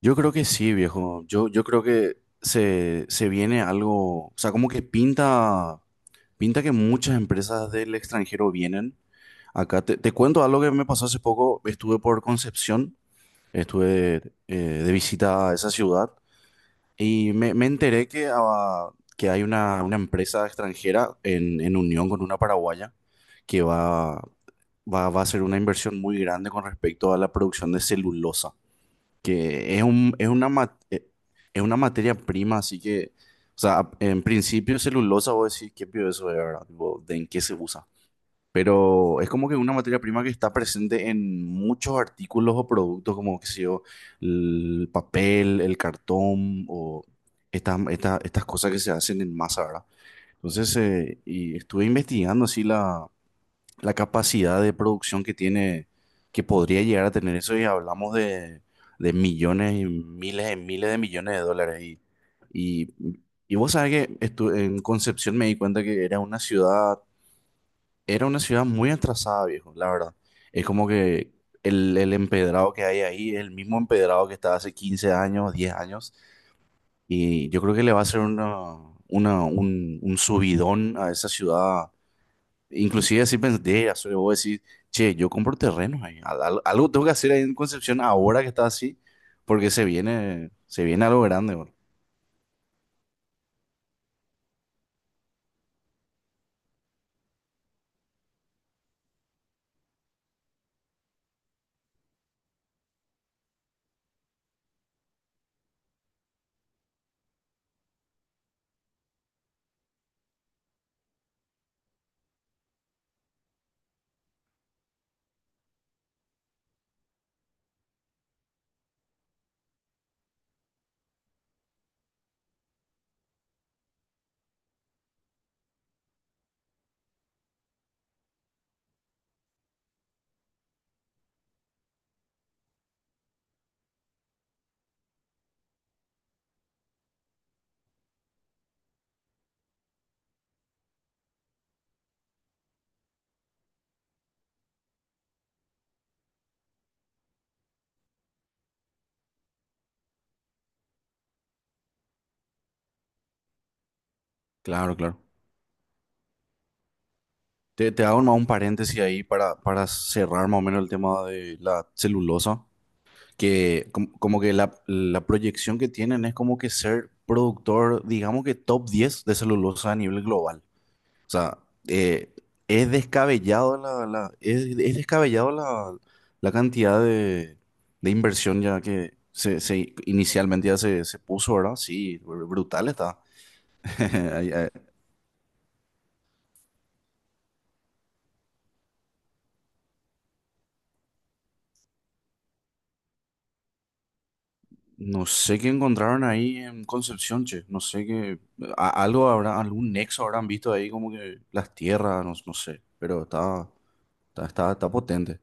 Yo creo que sí, viejo. Yo creo que se viene algo, o sea, como que pinta, pinta que muchas empresas del extranjero vienen. Acá te cuento algo que me pasó hace poco. Estuve por Concepción, estuve de visita a esa ciudad y me enteré que, que hay una empresa extranjera en unión con una paraguaya que va, va, va a hacer una inversión muy grande con respecto a la producción de celulosa que es un, es una, es una materia prima, así que, o sea, en principio celulosa, vos decís, ¿qué pío eso es, verdad? Tipo, ¿de en qué se usa? Pero es como que una materia prima que está presente en muchos artículos o productos, como, qué sé yo, el papel, el cartón o estas cosas que se hacen en masa, ¿verdad? Entonces, y estuve investigando así la capacidad de producción que tiene, que podría llegar a tener eso, y hablamos de millones y miles de millones de dólares. Y, y vos sabés que en Concepción me di cuenta que era una ciudad muy atrasada, viejo, la verdad. Es como que el empedrado que hay ahí es el mismo empedrado que estaba hace 15 años, 10 años, y yo creo que le va a hacer una, un subidón a esa ciudad. Inclusive así pensé, soy vos decís, che, yo compro terrenos ahí. Algo tengo que hacer ahí en Concepción ahora que está así, porque se viene algo grande, bro. Claro, claro. Te hago más un paréntesis ahí para cerrar más o menos el tema de la celulosa, que que la proyección que tienen es como que ser productor, digamos que top 10 de celulosa a nivel global. O sea, eh, es descabellado la, es descabellado la, la cantidad de inversión ya que inicialmente ya se puso, ¿verdad? Sí, brutal está. Ay, ay, no sé qué encontraron ahí en Concepción, che. No sé qué. Algo habrá, algún nexo habrán visto ahí, como que las tierras, no, no sé. Pero está, está, está, está potente.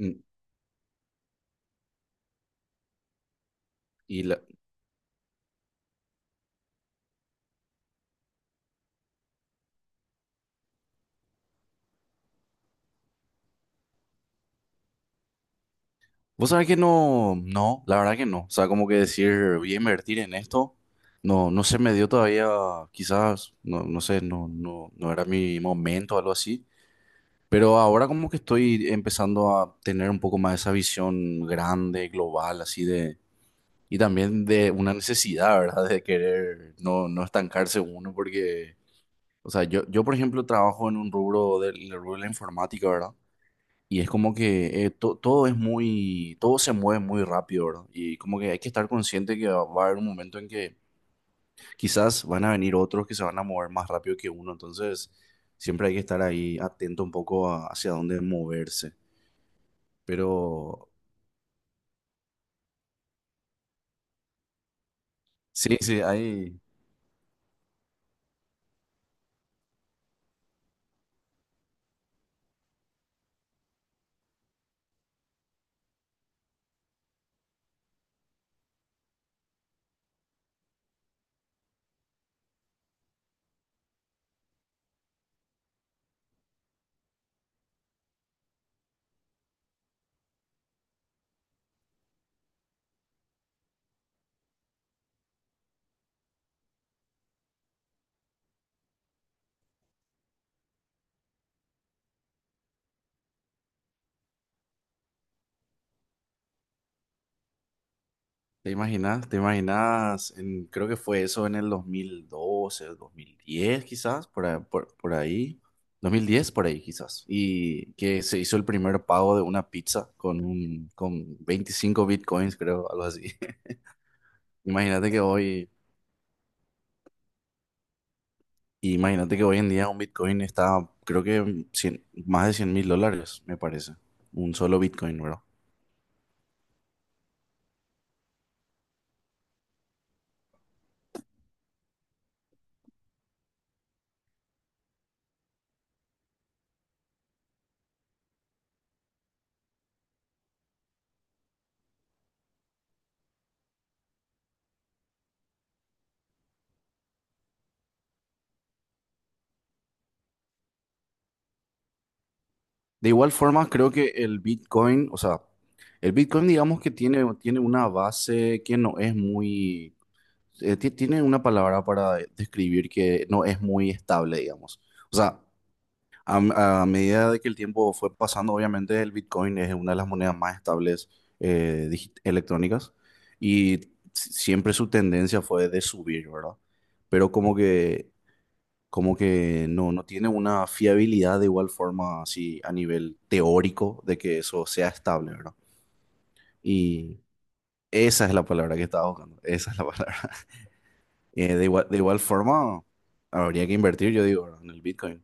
Mm. Y la, vos sabés que no, no, la verdad que no. O sea, como que decir, voy a invertir en esto, no, no se me dio todavía, quizás, no, no sé, no, no, no era mi momento o algo así. Pero ahora como que estoy empezando a tener un poco más esa visión grande, global, así de, y también de una necesidad, ¿verdad? De querer no, no estancarse uno, porque, o sea, yo por ejemplo trabajo en un rubro del, en el rubro de la informática, ¿verdad? Y es como que todo es muy, todo se mueve muy rápido, ¿verdad? Y como que hay que estar consciente que va, va a haber un momento en que quizás van a venir otros que se van a mover más rápido que uno, entonces siempre hay que estar ahí atento un poco hacia dónde moverse. Pero sí, sí, hay... ¿Te imaginas? ¿Te imaginas? Creo que fue eso en el 2012, 2010, quizás, por ahí. 2010 por ahí quizás. Y que se hizo el primer pago de una pizza con, un, con 25 bitcoins, creo, algo así. Imagínate que hoy, imagínate que hoy en día un bitcoin está, creo que más de $100.000, me parece. Un solo bitcoin, ¿verdad? De igual forma, creo que el Bitcoin, o sea, el Bitcoin digamos que tiene, tiene una base que no es muy, tiene una palabra para describir que no es muy estable, digamos. O sea, a medida de que el tiempo fue pasando, obviamente el Bitcoin es una de las monedas más estables electrónicas y siempre su tendencia fue de subir, ¿verdad? Pero como que no, no tiene una fiabilidad de igual forma así a nivel teórico de que eso sea estable, ¿verdad? Y esa es la palabra que estaba buscando, esa es la palabra. De igual, de igual forma, habría que invertir, yo digo, ¿verdad? En el Bitcoin.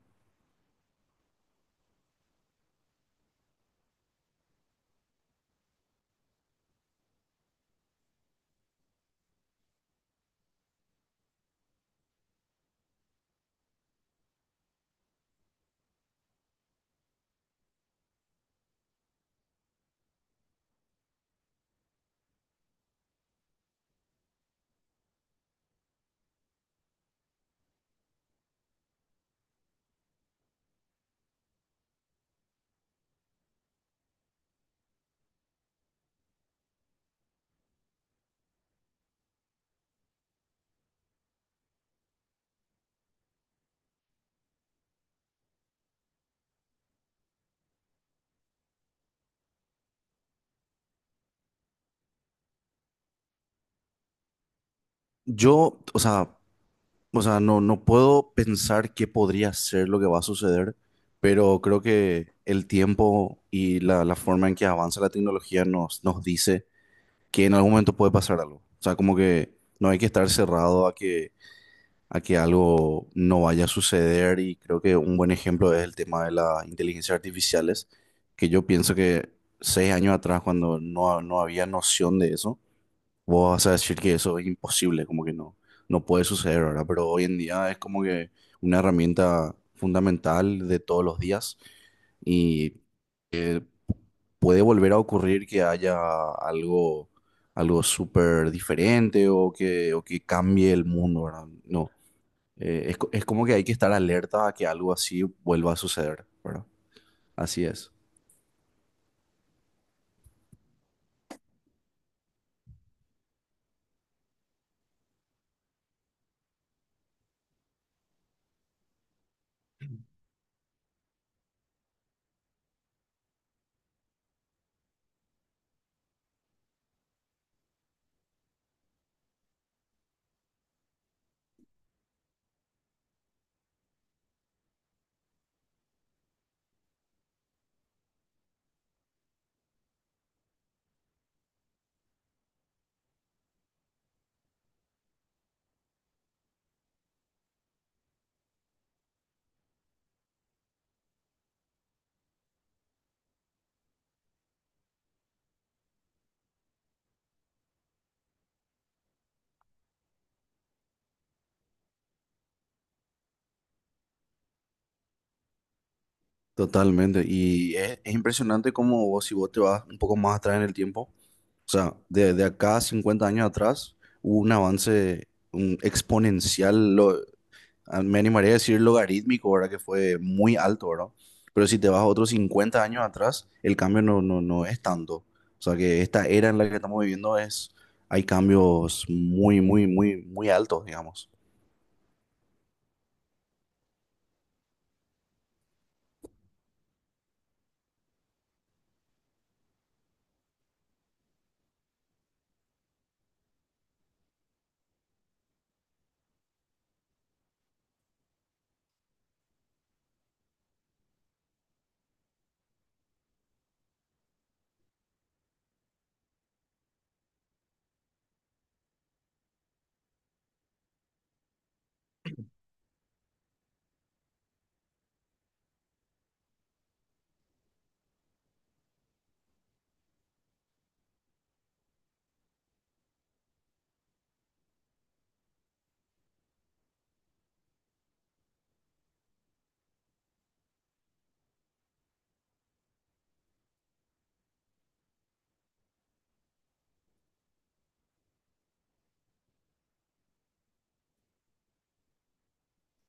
Yo, o sea, no, no puedo pensar qué podría ser lo que va a suceder, pero creo que el tiempo y la forma en que avanza la tecnología nos, nos dice que en algún momento puede pasar algo. O sea, como que no hay que estar cerrado a que algo no vaya a suceder y creo que un buen ejemplo es el tema de las inteligencias artificiales, que yo pienso que 6 años atrás, cuando no, no había noción de eso, vos vas a decir que eso es imposible, como que no, no puede suceder, ¿verdad? Pero hoy en día es como que una herramienta fundamental de todos los días y eh, puede volver a ocurrir que haya algo... algo súper diferente o que cambie el mundo, ¿verdad? No, es, es como que hay que estar alerta a que algo así vuelva a suceder, ¿verdad? Así es. Totalmente. Y es impresionante cómo vos, si vos te vas un poco más atrás en el tiempo, o sea, de acá a 50 años atrás hubo un avance un exponencial, lo, me animaría a decir logarítmico, ¿verdad? Que fue muy alto, ¿verdad? Pero si te vas otros 50 años atrás, el cambio no, no, no es tanto. O sea, que esta era en la que estamos viviendo es, hay cambios muy, muy, muy, muy altos, digamos.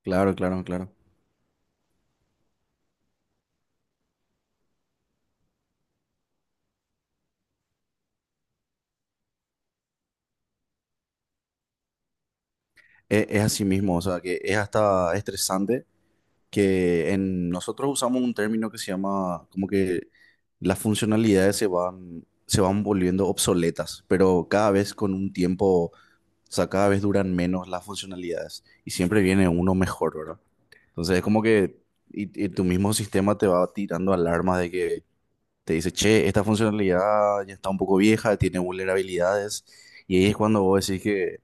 Claro, claro, claro. Es, así mismo, o sea, que es hasta estresante que en nosotros usamos un término que se llama como que las funcionalidades se van volviendo obsoletas, pero cada vez con un tiempo, o sea, cada vez duran menos las funcionalidades y siempre viene uno mejor, ¿verdad? Entonces es como que y tu mismo sistema te va tirando alarmas de que te dice, che, esta funcionalidad ya está un poco vieja, tiene vulnerabilidades. Y ahí es cuando vos decís que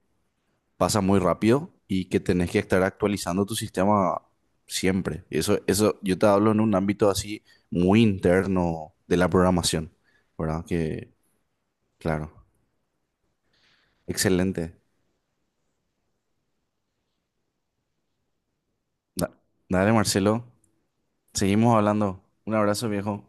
pasa muy rápido y que tenés que estar actualizando tu sistema siempre. Eso yo te hablo en un ámbito así muy interno de la programación, ¿verdad? Que, claro, excelente. Da- Dale, Marcelo, seguimos hablando. Un abrazo, viejo.